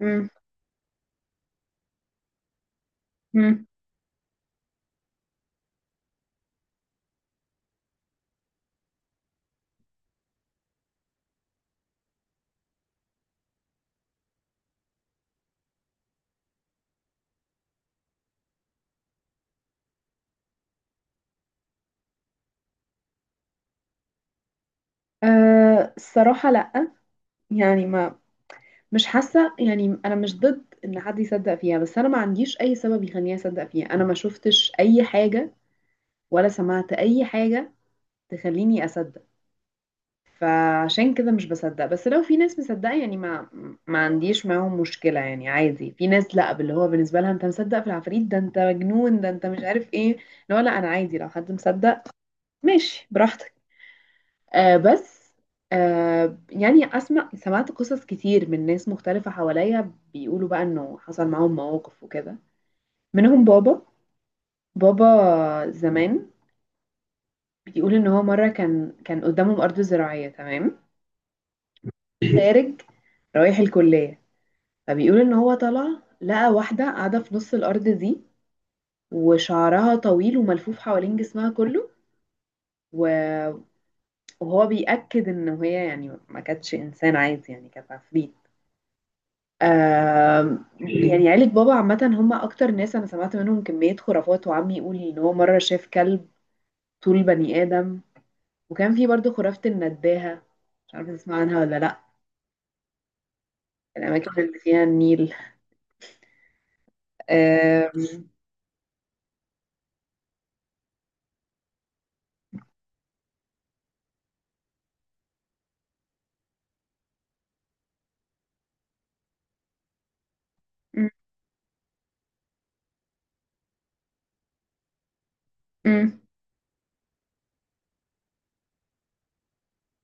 مم. مم. أه الصراحة لأ. يعني ما مش حاسة. يعني أنا مش ضد إن حد يصدق فيها، بس أنا ما عنديش أي سبب يخليني أصدق فيها. أنا ما شفتش أي حاجة ولا سمعت أي حاجة تخليني أصدق. فعشان كده مش بصدق. بس لو في ناس مصدقة، يعني ما عنديش معاهم مشكلة. يعني عادي. في ناس لأ، باللي هو بالنسبة لها أنت مصدق في العفاريت ده أنت مجنون ده أنت مش عارف إيه. لا لا، أنا عادي لو حد مصدق ماشي براحتك. آه بس، يعني اسمع سمعت قصص كتير من ناس مختلفة حواليا بيقولوا بقى انه حصل معاهم مواقف وكده. منهم بابا زمان بيقول ان هو مرة كان قدامهم ارض زراعية تمام. خارج رايح الكلية. فبيقول ان هو طلع لقى واحدة قاعدة في نص الارض دي، وشعرها طويل وملفوف حوالين جسمها كله. و- وهو بيأكد ان هي يعني ما كانتش انسان عادي، يعني كانت عفريت. ايه يعني عيلة بابا عامة هم أكتر ناس أنا سمعت منهم كمية خرافات. وعمي يقول إن هو مرة شاف كلب طول بني آدم. وكان في برضه خرافة النداهة، مش عارفة تسمع عنها ولا لأ؟ الأماكن اللي فيها النيل. آم، م- م-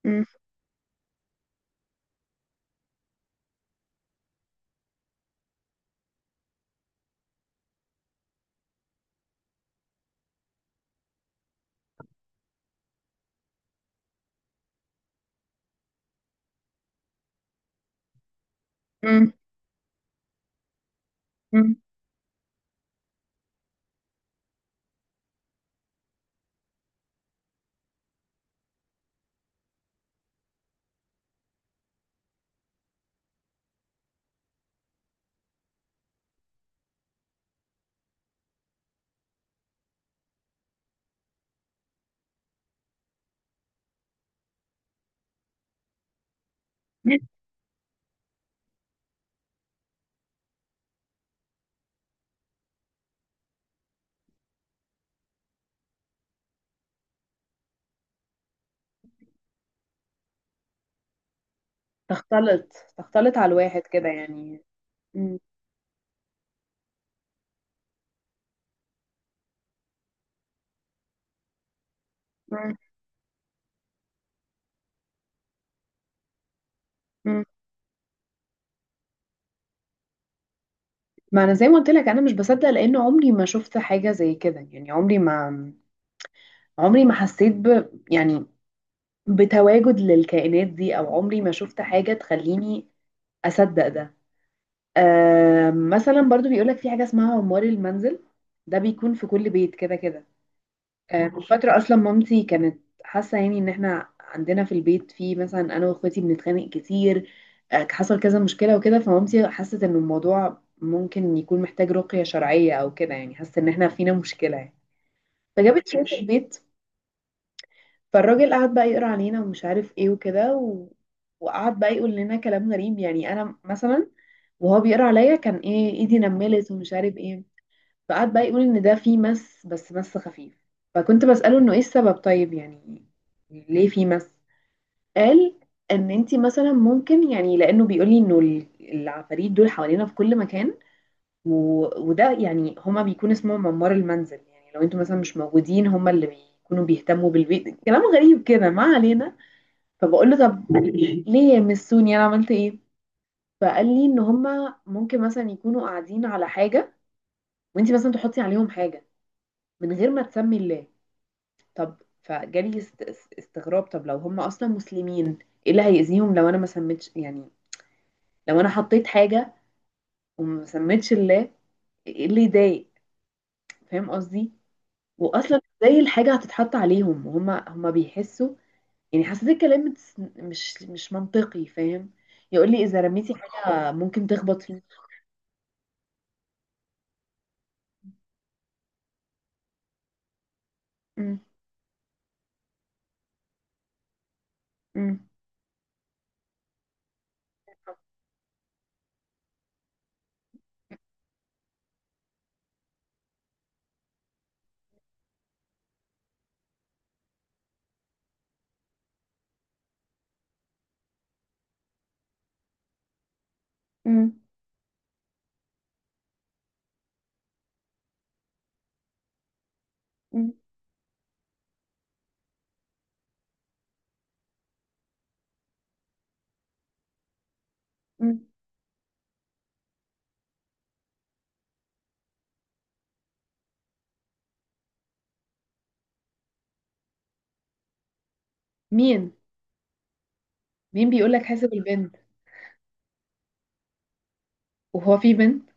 م- م- م- م. تختلط تختلط على الواحد كده يعني. م- م- م. ما أنا زي ما قلت لك أنا مش بصدق لأن عمري ما شفت حاجة زي كده. يعني عمري ما حسيت ب، يعني بتواجد للكائنات دي، او عمري ما شفت حاجة تخليني اصدق ده. آه مثلا برضو بيقولك في حاجة اسمها عمار المنزل، ده بيكون في كل بيت كده كده. آه من فترة اصلا مامتي كانت حاسة يعني ان احنا عندنا في البيت في، مثلا انا واخواتي بنتخانق كتير. آه حصل كذا مشكلة وكده، فمامتي حست ان الموضوع ممكن يكون محتاج رقية شرعية او كده. يعني حست ان احنا فينا مشكلة يعني. فجابت شوية البيت. فالراجل قعد بقى يقرا علينا ومش عارف ايه وكده وقعد بقى يقول لنا كلام غريب. يعني انا مثلا وهو بيقرا عليا كان ايه ايدي نملت ومش عارف ايه. فقعد بقى يقول ان ده فيه مس، بس مس خفيف. فكنت بسأله انه ايه السبب طيب، يعني ليه فيه مس. قال ان انتي مثلا ممكن، يعني لانه بيقول لي انه العفاريت دول حوالينا في كل مكان و... وده يعني هما بيكون اسمهم عمار المنزل. يعني لو انتوا مثلا مش موجودين هما اللي بيكونوا بيهتموا بالبيت. كلام غريب كده، ما علينا. فبقول له طب ليه يمسوني انا عملت ايه؟ فقال لي ان هما ممكن مثلا يكونوا قاعدين على حاجه، وانت مثلا تحطي عليهم حاجه من غير ما تسمي الله. طب فجالي استغراب، طب لو هما اصلا مسلمين ايه اللي هيأذيهم لو انا ما سميتش؟ يعني لو انا حطيت حاجه وما سميتش الله ايه اللي يضايق؟ فاهم قصدي؟ واصلا ازاي الحاجه هتتحط عليهم وهما بيحسوا. يعني حسيت الكلام مش منطقي، فاهم؟ يقول لي اذا رميتي حاجه ممكن تخبط فيه. مم. مم. مم. مم. مم. مين مين بيقول لك حاسب البنت؟ وهو في بنت؟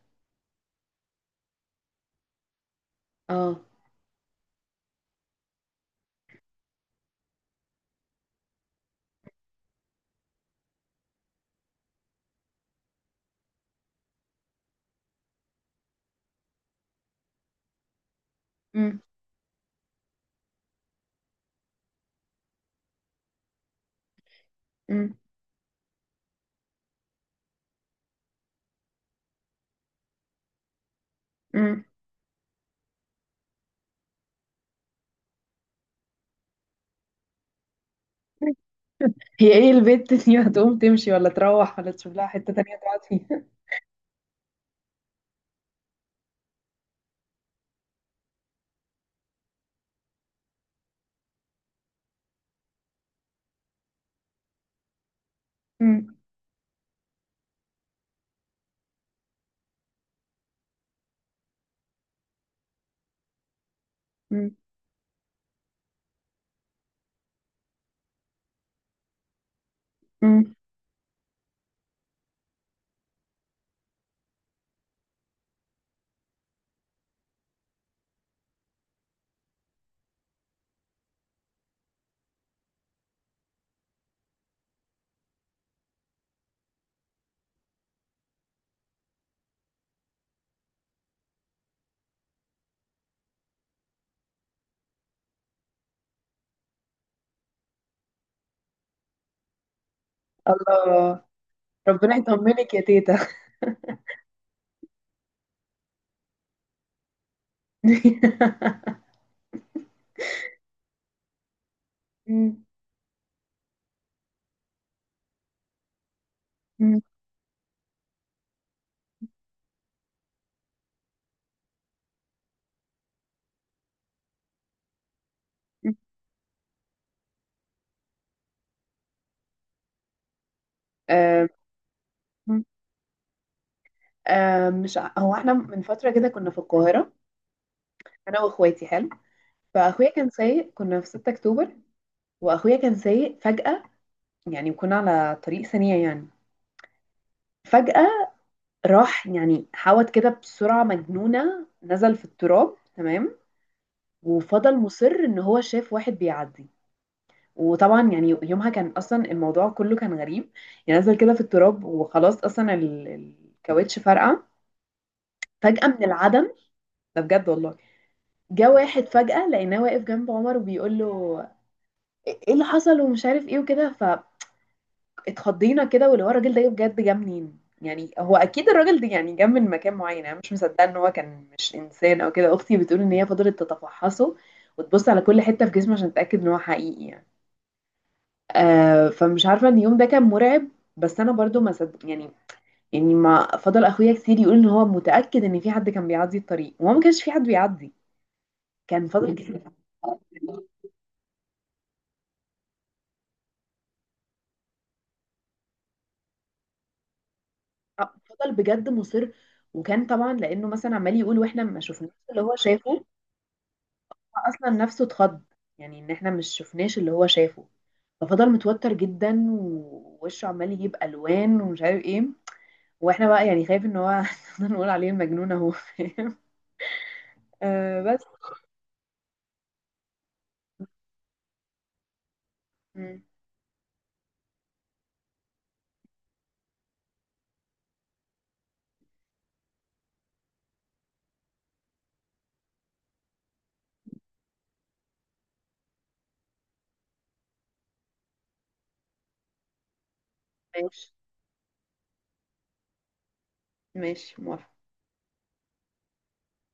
اه. مم. مم. مم. هي ايه البنت دي هتقوم تمشي ولا تروح ولا تشوف لها حتة تانية تقعد فيها؟ مم. مم. مم. الله. ربنا يطمنك يا تيتا. مم. مم. آم، مش ع- هو احنا من فترة كده كنا في القاهرة. انا واخواتي حلو. فاخويا كان سايق، كنا في 6 اكتوبر. واخويا كان سايق فجأة، يعني وكنا على طريق سريع يعني. فجأة راح يعني حاوت كده بسرعة مجنونة، نزل في التراب تمام. وفضل مصر ان هو شاف واحد بيعدي. وطبعا يعني يومها كان اصلا الموضوع كله كان غريب. يعني نزل كده في التراب وخلاص، اصلا الكاوتش فرقع فجأة من العدم. ده بجد والله. جه واحد فجأة، لقيناه واقف جنب عمر وبيقول له ايه اللي حصل ومش عارف ايه وكده. اتخضينا كده، واللي هو الراجل ده بجد جه منين يعني؟ هو اكيد الراجل ده يعني جه من مكان معين، انا مش مصدقه ان هو كان مش انسان او كده. اختي بتقول ان هي فضلت تتفحصه وتبص على كل حته في جسمه عشان تتاكد ان هو حقيقي يعني. آه فمش عارفه ان اليوم ده كان مرعب، بس انا برضو ما صدق يعني. يعني ما فضل اخويا كتير يقول ان هو متاكد ان في حد كان بيعدي الطريق، وهو ما كانش في حد بيعدي. كان فضل كتير. فضل بجد مصر. وكان طبعا لانه مثلا عمال يقول واحنا ما شفناش اللي هو شافه. اصلا نفسه اتخض، يعني ان احنا مش شفناش اللي هو شافه. ففضل متوتر جدا ووشه عمال يجيب الوان ومش عارف ايه. واحنا بقى يعني خايف ان هو نقول عليه المجنون اهو، فاهم؟ آه بس. مم. ماشي. ماشي موافقة.